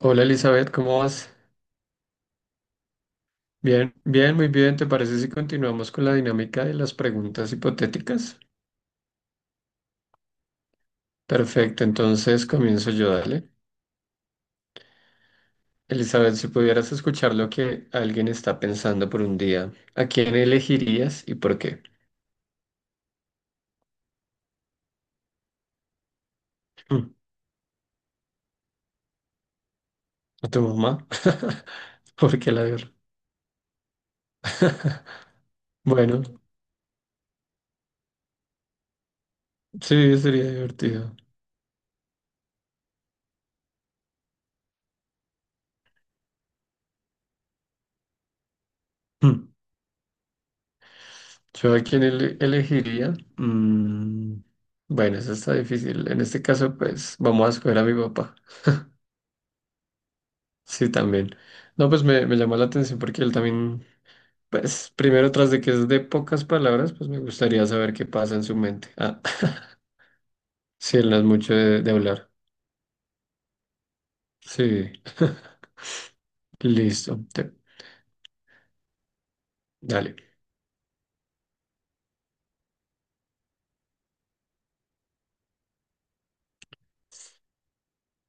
Hola Elizabeth, ¿cómo vas? Bien, muy bien. ¿Te parece si continuamos con la dinámica de las preguntas hipotéticas? Perfecto, entonces comienzo yo, dale. Elizabeth, si pudieras escuchar lo que alguien está pensando por un día, ¿a quién elegirías y por qué? Mm. ¿A tu mamá? ¿Por qué la verdad? Bueno, sí, sería divertido. Mm, ¿yo a quién elegiría? Bueno, eso está difícil. En este caso, pues vamos a escoger a mi papá. Sí, también. No, pues me llamó la atención porque él también, pues primero tras de que es de pocas palabras, pues me gustaría saber qué pasa en su mente. Ah, sí, él no es mucho de hablar. Sí, listo. Dale.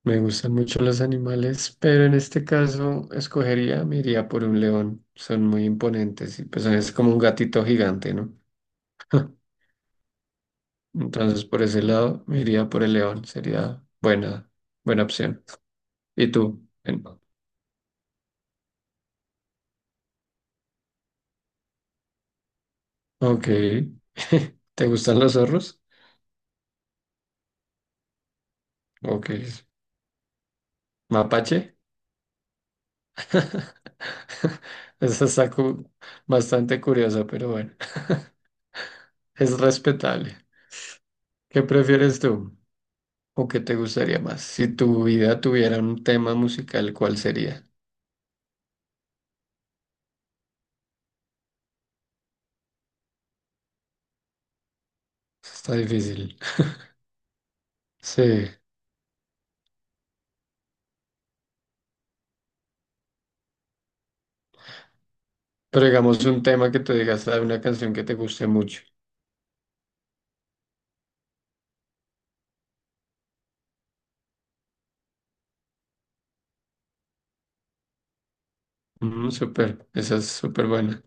Me gustan mucho los animales, pero en este caso escogería, me iría por un león. Son muy imponentes y pues es como un gatito gigante, ¿no? Entonces por ese lado me iría por el león. Buena opción. ¿Y tú? Ok. ¿Te gustan los zorros? Ok. ¿Mapache? Esa está cu- bastante curiosa, pero bueno, es respetable. ¿Qué prefieres tú? ¿O qué te gustaría más? Si tu vida tuviera un tema musical, ¿cuál sería? Está difícil. Sí, pero digamos un tema que tú digas de una canción que te guste mucho. Mm, súper, esa es súper buena.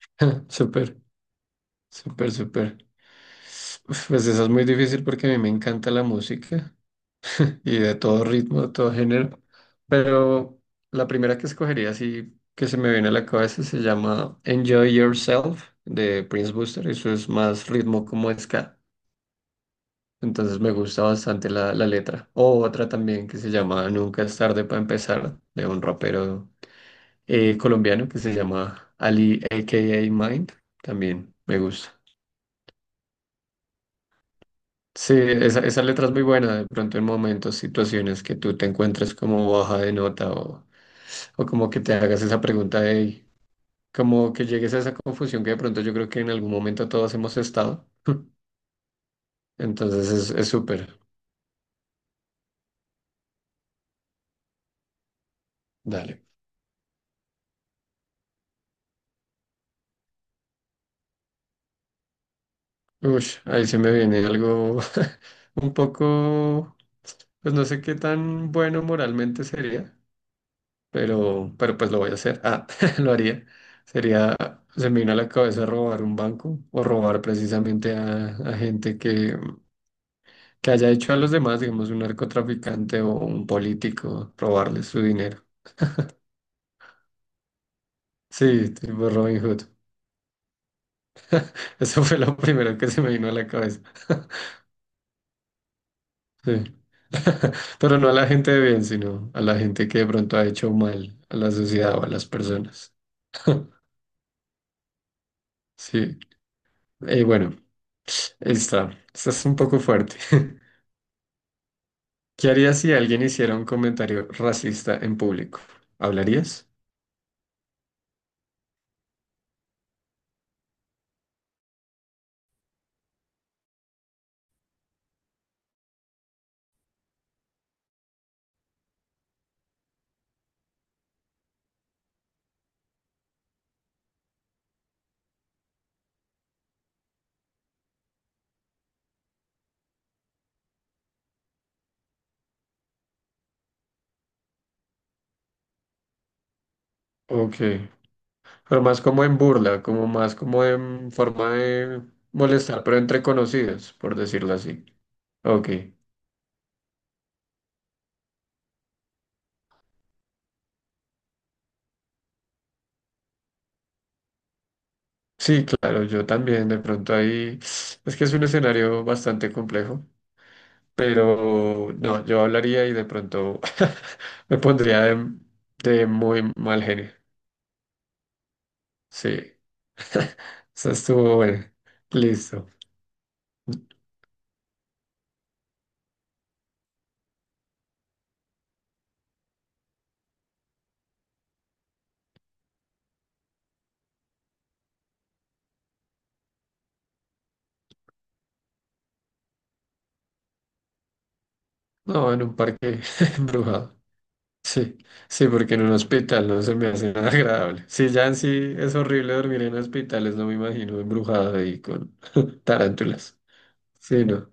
Súper, súper. Uf, pues esa es muy difícil porque a mí me encanta la música y de todo ritmo, de todo género. Pero la primera que escogería, así que se me viene a la cabeza, se llama Enjoy Yourself de Prince Buster. Eso es más ritmo como ska. Entonces me gusta bastante la letra. O otra también que se llama Nunca es tarde para empezar, de un rapero colombiano que se llama Ali, a.k.a. Mind. También me gusta. Sí, esa letra es muy buena. De pronto en momentos, situaciones que tú te encuentres como baja de nota o como que te hagas esa pregunta de, como que llegues a esa confusión que de pronto yo creo que en algún momento todos hemos estado. Entonces es súper. Dale. Uy, ahí se me viene algo un poco, pues no sé qué tan bueno moralmente sería, pero pues lo voy a hacer. Ah, lo haría. Sería, se me vino a la cabeza robar un banco o robar precisamente a gente que haya hecho a los demás, digamos, un narcotraficante o un político, robarles su dinero. Sí, tipo Robin Hood. Eso fue lo primero que se me vino a la cabeza. Sí. Pero no a la gente de bien, sino a la gente que de pronto ha hecho mal a la sociedad o a las personas. Sí. Bueno, esta es un poco fuerte. ¿Qué harías si alguien hiciera un comentario racista en público? ¿Hablarías? Ok. Pero más como en burla, como más como en forma de molestar, pero entre conocidos, por decirlo así. Ok. Sí, claro, yo también de pronto ahí, es que es un escenario bastante complejo, pero no, yo hablaría y de pronto me pondría de muy mal genio. Sí, eso estuvo bueno. Listo. No, en un parque embrujado. Sí, sí, porque en un hospital no se me hace nada agradable. Sí, ya en sí es horrible dormir en hospitales, no me imagino embrujado ahí con tarántulas. Sí, no,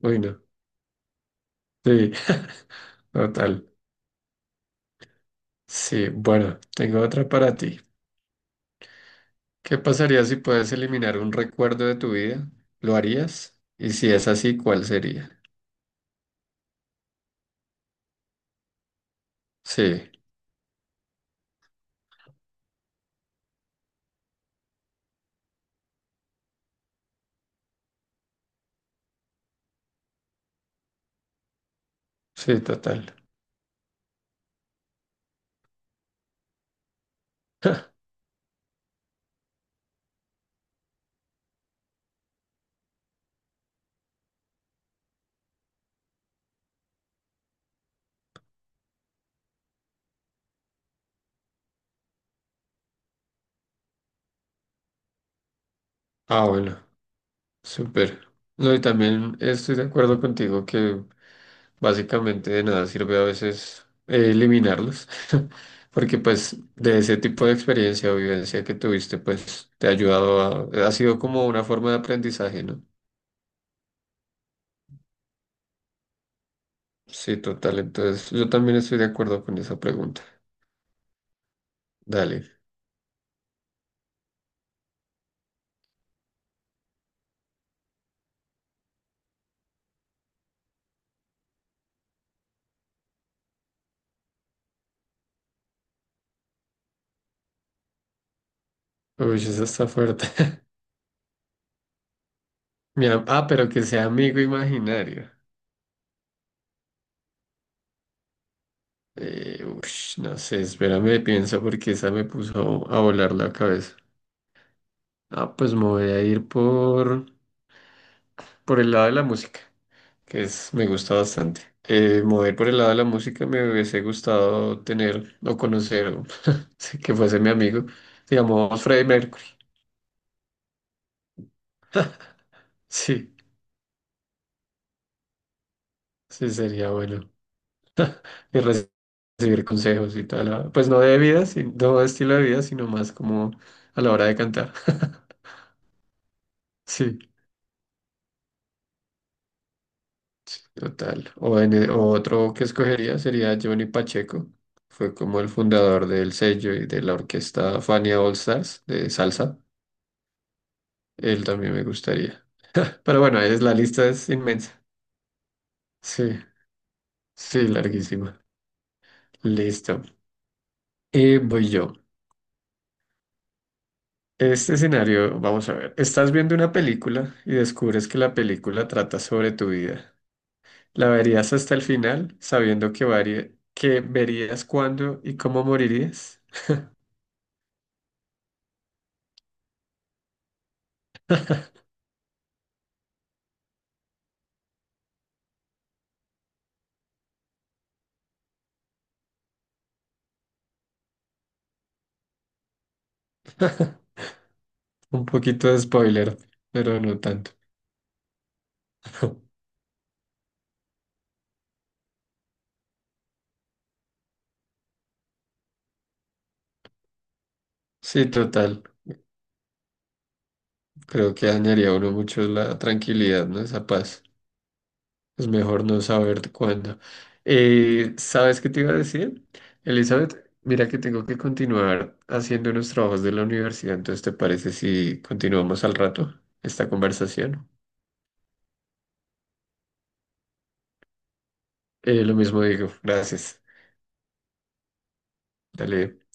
uy, no. Sí, total. Sí, bueno, tengo otra para ti. ¿Qué pasaría si puedes eliminar un recuerdo de tu vida? ¿Lo harías? Y si es así, ¿cuál sería? Sí, sí, total. Ah, bueno, súper. No, y también estoy de acuerdo contigo que básicamente de nada sirve a veces eliminarlos, porque pues de ese tipo de experiencia o vivencia que tuviste, pues te ha ayudado ha sido como una forma de aprendizaje, ¿no? Sí, total. Entonces, yo también estoy de acuerdo con esa pregunta. Dale. Uy, eso está fuerte. Pero que sea amigo imaginario. Ush, no sé, espérame, pienso porque esa me puso a volar la cabeza. Ah, pues me voy a ir por el lado de la música, que me gusta bastante. Me voy a ir por el lado de la música, me hubiese gustado tener o conocer, o sí, que fuese mi amigo, digamos, Freddie Mercury. Sí, sí, sería bueno. Y recibir consejos y toda la, pues no de vida, no de estilo de vida, sino más como a la hora de cantar. Sí, total. O otro que escogería sería Johnny Pacheco. Fue como el fundador del sello y de la orquesta Fania All Stars de salsa. Él también me gustaría. Pero bueno, la lista es inmensa. Sí, sí, larguísima. Listo. Y voy yo. Este escenario, vamos a ver. Estás viendo una película y descubres que la película trata sobre tu vida. ¿La verías hasta el final, sabiendo que verías cuándo y cómo morirías? Un poquito de spoiler, pero no tanto. Sí, total. Creo que dañaría a uno mucho la tranquilidad, ¿no? Esa paz. Es mejor no saber cuándo. ¿Sabes qué te iba a decir? Elizabeth, mira que tengo que continuar haciendo unos trabajos de la universidad, entonces ¿te parece si continuamos al rato esta conversación? Lo mismo digo, gracias. Dale.